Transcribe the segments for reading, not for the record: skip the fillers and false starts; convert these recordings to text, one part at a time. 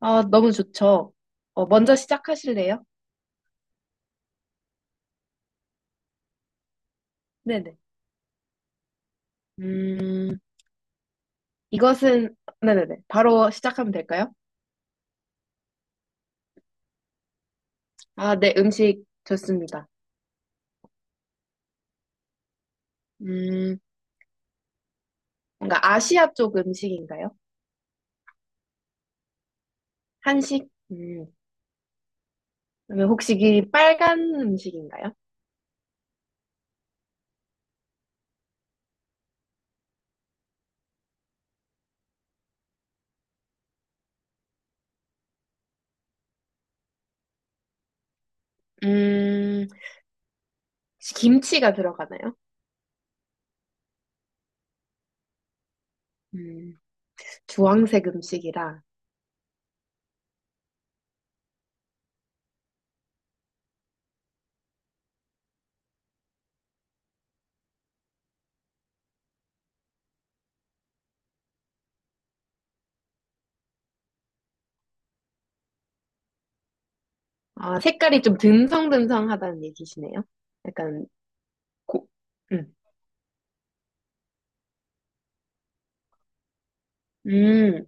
아, 너무 좋죠. 먼저 시작하실래요? 네네. 음, 이것은, 네네네. 바로 시작하면 될까요? 아, 네, 음식 좋습니다. 음, 뭔가 아시아 쪽 음식인가요? 한식? 그러면 혹시 이 빨간 음식인가요? 음, 혹시 김치가 들어가나요? 음, 주황색 음식이라, 아, 색깔이 좀 듬성듬성하다는 얘기시네요. 약간, 고, 음, 음,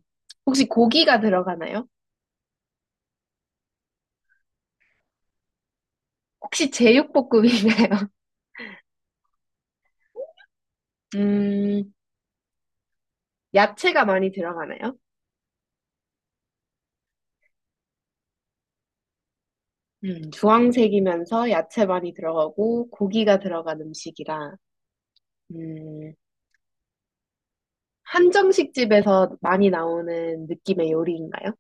혹시 고기가 들어가나요? 혹시 제육볶음인가요? 음, 야채가 많이 들어가나요? 주황색이면서 야채 많이 들어가고 고기가 들어간 음식이라 음. 한정식 집에서 많이 나오는 느낌의 요리인가요?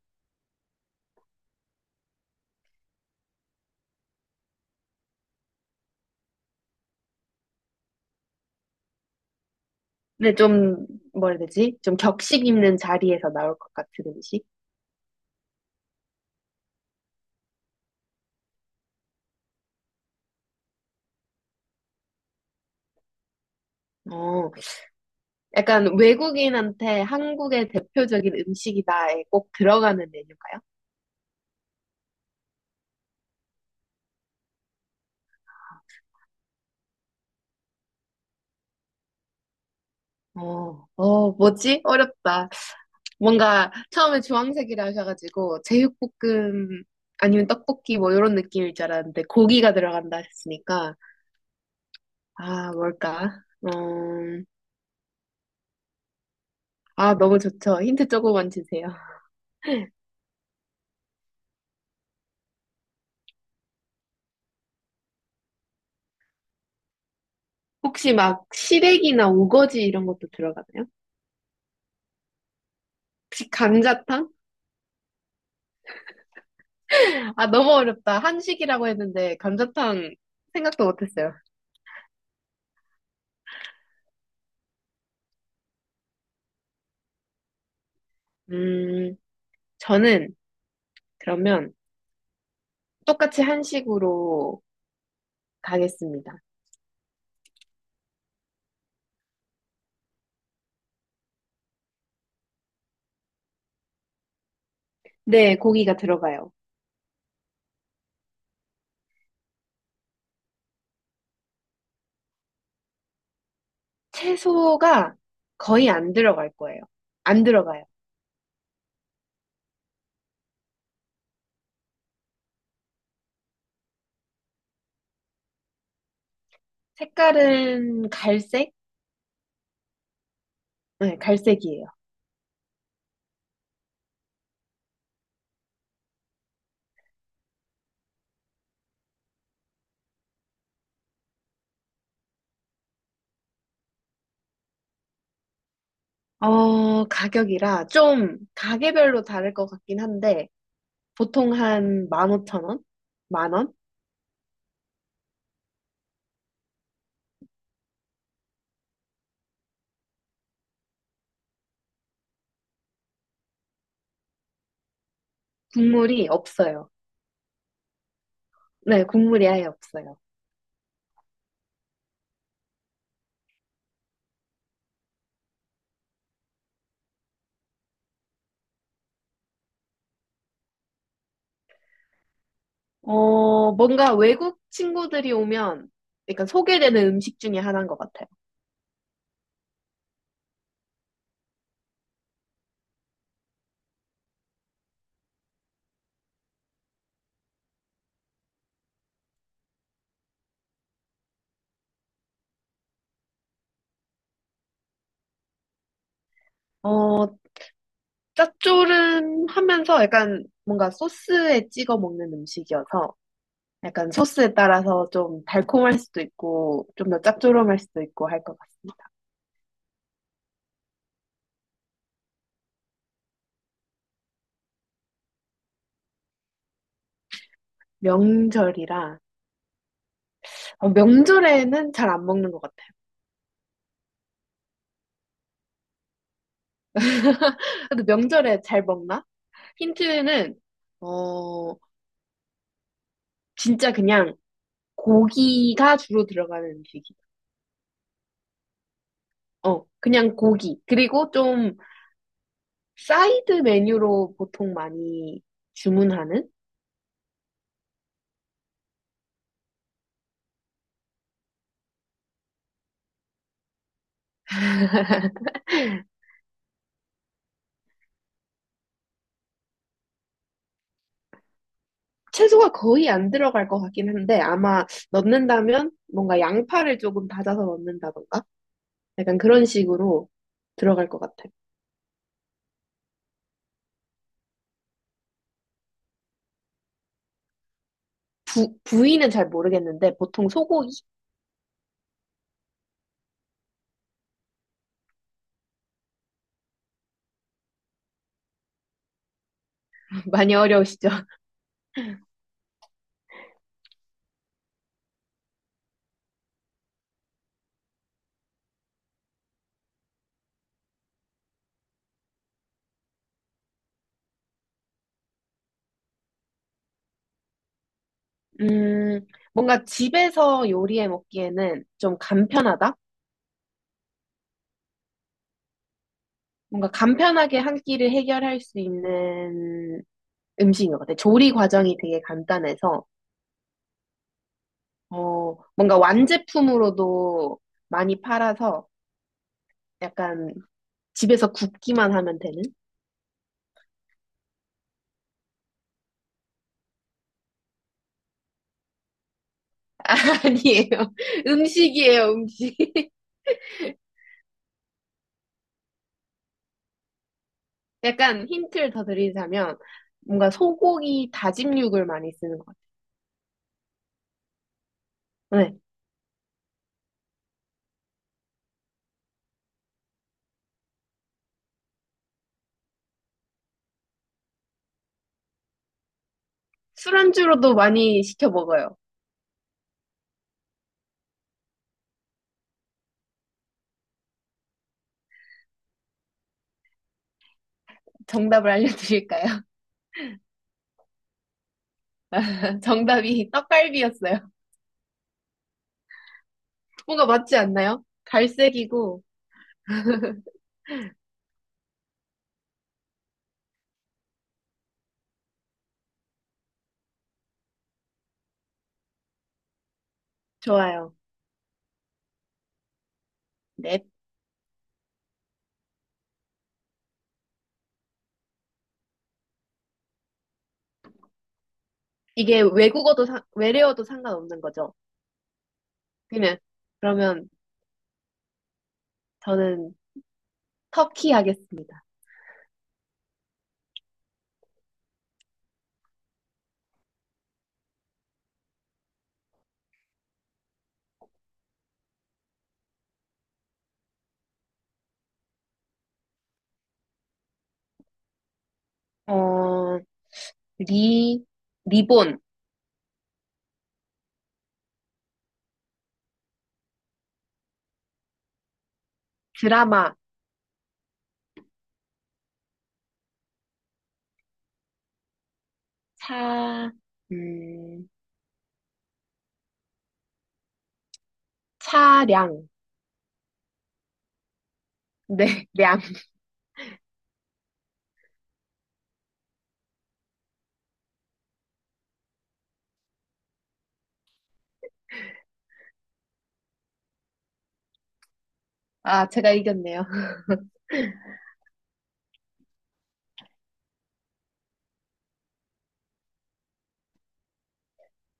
근데 좀, 뭐라 해야 되지? 좀 격식 있는 자리에서 나올 것 같은 음식? 어, 약간 외국인한테 한국의 대표적인 음식이다에 꼭 들어가는 메뉴인가요? 뭐지? 어렵다. 뭔가 처음에 주황색이라 하셔가지고 제육볶음 아니면 떡볶이 뭐 이런 느낌일 줄 알았는데 고기가 들어간다 하셨으니까 아 뭘까? 아 너무 좋죠. 힌트 조금만 주세요. 혹시 막 시래기나 우거지 이런 것도 들어가나요? 혹시 감자탕? 아 너무 어렵다. 한식이라고 했는데 감자탕 생각도 못했어요. 음 저는 그러면 똑같이 한식으로 가겠습니다. 네, 고기가 들어가요. 채소가 거의 안 들어갈 거예요. 안 들어가요. 색깔은 갈색? 네, 갈색이에요. 가격이라 좀 가게별로 다를 것 같긴 한데, 보통 한 15,000원? 만 원? 국물이 없어요. 네, 국물이 아예 없어요. 어, 뭔가 외국 친구들이 오면 약간 소개되는 음식 중에 하나인 것 같아요. 어, 짭조름하면서 약간 뭔가 소스에 찍어 먹는 음식이어서 약간 소스에 따라서 좀 달콤할 수도 있고, 좀 더 짭조름할 수도 있고 할 것 같습니다. 명절이라, 명절에는 잘 안 먹는 것 같아요. 근데 명절에 잘 먹나? 힌트는, 어, 진짜 그냥 고기가 주로 들어가는 음식이에요. 어, 그냥 고기. 그리고 좀 사이드 메뉴로 보통 많이 주문하는? 채소가 거의 안 들어갈 것 같긴 한데, 아마 넣는다면 뭔가 양파를 조금 다져서 넣는다던가? 약간 그런 식으로 들어갈 것 같아요. 부, 부위는 잘 모르겠는데 보통 소고기? 많이 어려우시죠? 음, 뭔가 집에서 요리해 먹기에는 좀 간편하다? 뭔가 간편하게 한 끼를 해결할 수 있는 음식인 것 같아요. 조리 과정이 되게 간단해서, 뭔가 완제품으로도 많이 팔아서 약간 집에서 굽기만 하면 되는? 아니에요. 음식이에요, 음식. 약간 힌트를 더 드리자면 뭔가 소고기 다짐육을 많이 쓰는 것 같아요. 네. 술안주로도 많이 시켜 먹어요. 정답을 알려드릴까요? 정답이 떡갈비였어요. 뭔가 맞지 않나요? 갈색이고 좋아요. 네. 이게 외국어도 상, 외래어도 상관없는 거죠. 그냥 그러면 저는 터키 하겠습니다. 어, 리, 리본, 드라마, 차, 음, 차량. 네, 량. 아, 제가 이겼네요.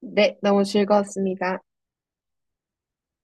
네, 너무 즐거웠습니다.